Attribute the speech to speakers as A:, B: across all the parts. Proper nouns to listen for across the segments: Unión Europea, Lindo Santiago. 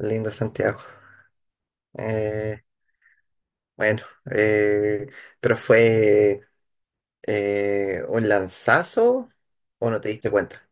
A: Lindo Santiago. Eh, bueno, eh, pero fue un lanzazo o no te diste cuenta.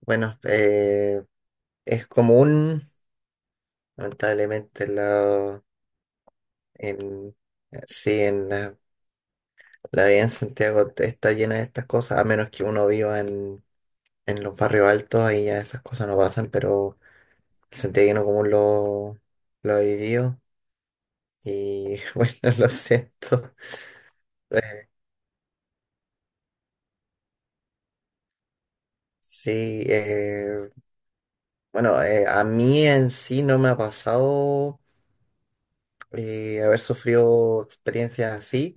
A: Bueno, es común, lamentablemente, en, sí, la vida en Santiago está llena de estas cosas, a menos que uno viva en los barrios altos, ahí ya esas cosas no pasan, pero el santiaguino común lo ha vivido y bueno, lo siento. Sí, bueno, a mí en sí no me ha pasado haber sufrido experiencias así,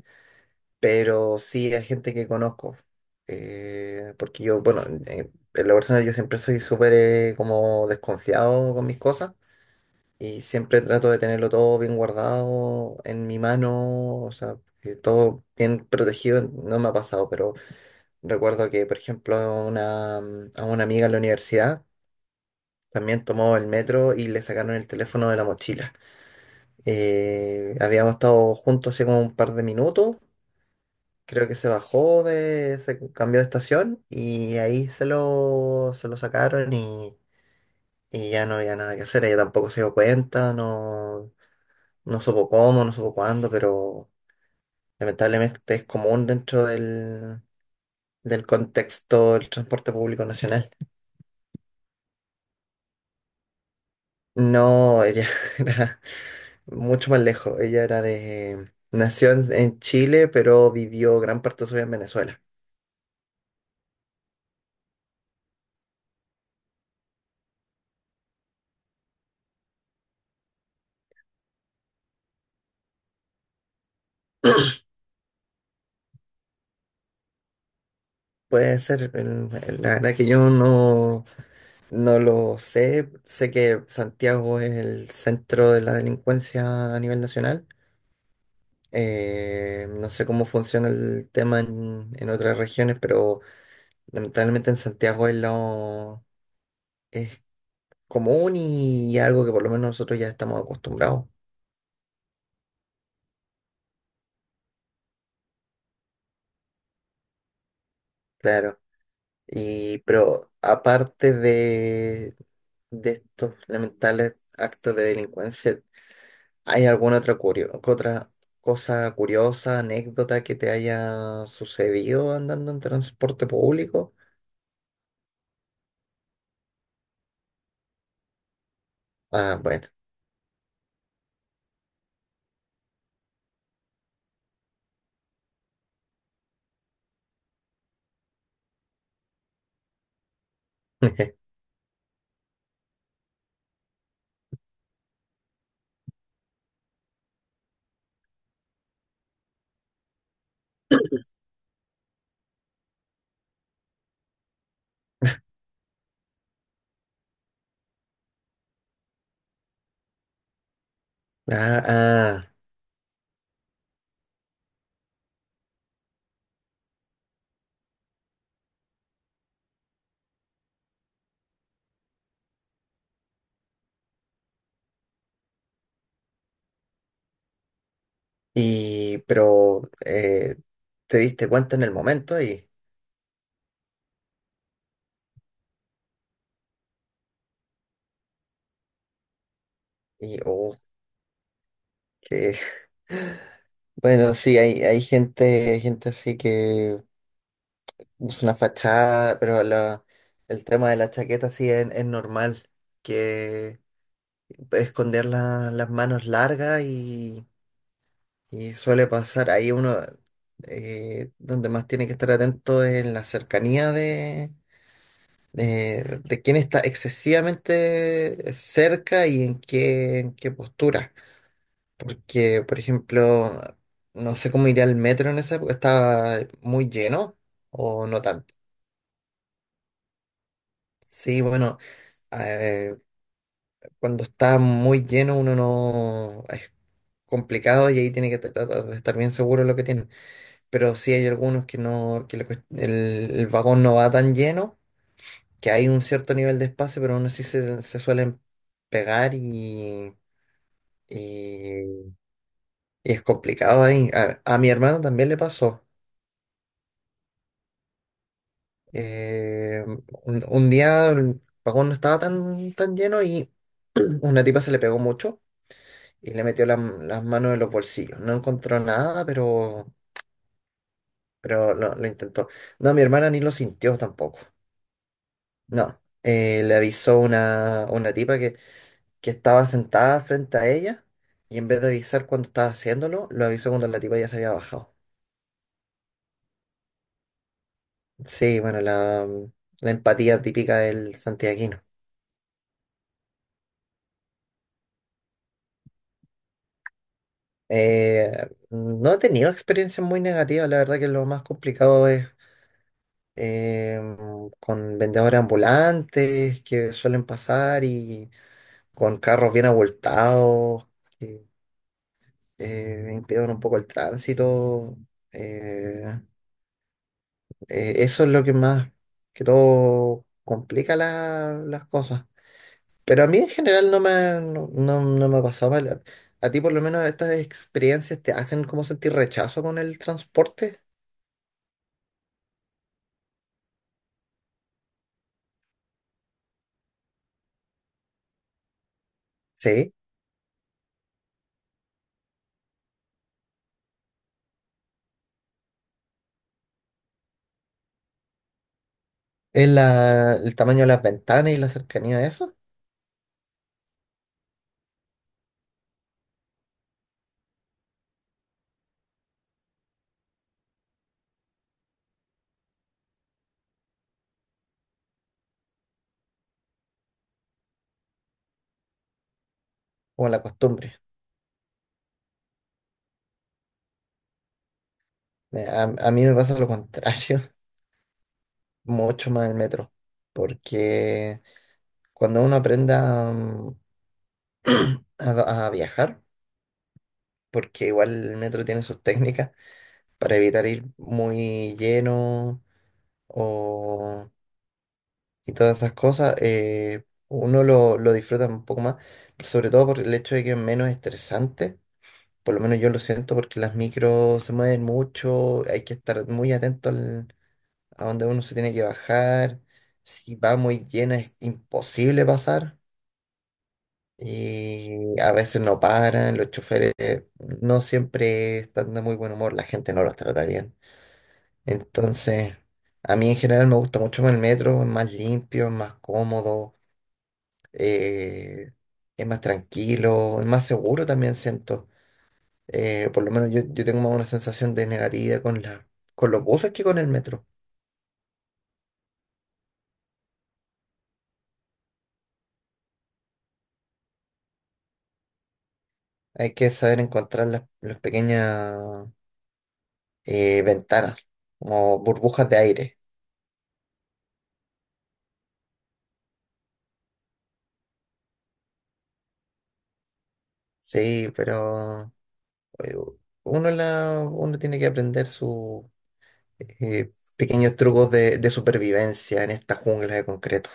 A: pero sí hay gente que conozco. Porque yo, bueno, en lo personal yo siempre soy súper como desconfiado con mis cosas y siempre trato de tenerlo todo bien guardado en mi mano, o sea, que todo bien protegido. No me ha pasado, pero recuerdo que, por ejemplo, a una amiga en la universidad también tomó el metro y le sacaron el teléfono de la mochila. Habíamos estado juntos hace como un par de minutos. Creo que se bajó de, se cambió de estación y ahí se lo sacaron y ya no había nada que hacer. Ella tampoco se dio cuenta, no, no supo cómo, no supo cuándo, pero lamentablemente es común dentro del contexto del transporte público nacional. No, ella era mucho más lejos. Ella era de, nació en Chile, pero vivió gran parte de su vida en Venezuela. Puede ser, la verdad que yo no, no lo sé. Sé que Santiago es el centro de la delincuencia a nivel nacional. No sé cómo funciona el tema en otras regiones, pero lamentablemente en Santiago es común y algo que por lo menos nosotros ya estamos acostumbrados. Claro. Y, pero aparte de estos lamentables actos de delincuencia, ¿hay alguna otra, otra cosa curiosa, anécdota que te haya sucedido andando en transporte público? Ah, bueno. Ah, ah, y pero te diste cuenta en el momento y oh, que bueno, sí, hay, hay gente así que usa una fachada, pero el tema de la chaqueta sí es normal, que esconder las manos largas. Y suele pasar ahí uno, donde más tiene que estar atento es en la cercanía de quién está excesivamente cerca y en qué postura. Porque, por ejemplo, no sé cómo iría el metro en esa época, estaba muy lleno o no tanto. Sí, bueno, eh, cuando está muy lleno uno no... Es complicado y ahí tiene que tratar de estar bien seguro de lo que tiene. Pero sí hay algunos que no, que el vagón no va tan lleno, que hay un cierto nivel de espacio, pero aún así se, se suelen pegar y- y es complicado ahí. A mi hermano también le pasó. Eh, un día el vagón no estaba tan lleno y una tipa se le pegó mucho y le metió las manos en los bolsillos. No encontró nada, pero lo intentó. No, mi hermana ni lo sintió tampoco. No, le avisó una tipa que estaba sentada frente a ella y en vez de avisar cuando estaba haciéndolo, lo avisó cuando la tipa ya se había bajado. Sí, bueno, la empatía típica del santiaguino. Eh, no he tenido experiencias muy negativas, la verdad que lo más complicado es eh, con vendedores ambulantes que suelen pasar y con carros bien abultados que impiden un poco el tránsito. eh, eso es lo que más, que todo complica las cosas. Pero a mí en general no no me pasaba. A ti por lo menos estas experiencias te hacen como sentir rechazo con el transporte. Sí. Es el tamaño de las ventanas y la cercanía de eso, o la costumbre. A mí me pasa lo contrario, mucho más el metro. Porque cuando uno aprenda a viajar, porque igual el metro tiene sus técnicas para evitar ir muy lleno o, y todas esas cosas, uno lo disfruta un poco más, pero sobre todo por el hecho de que es menos estresante, por lo menos yo lo siento porque las micros se mueven mucho, hay que estar muy atento a donde uno se tiene que bajar, si va muy llena es imposible pasar. Y a veces no paran, los choferes no siempre están de muy buen humor, la gente no los trata bien. Entonces, a mí en general me gusta mucho más el metro, es más limpio, es más cómodo, eh, es más tranquilo, es más seguro también siento. Por lo menos yo tengo más una sensación de negatividad con con los buses que con el metro. Hay que saber encontrar las pequeñas ventanas, como burbujas de aire. Sí, pero eh, uno tiene que aprender sus pequeños trucos de supervivencia en esta jungla de concreto.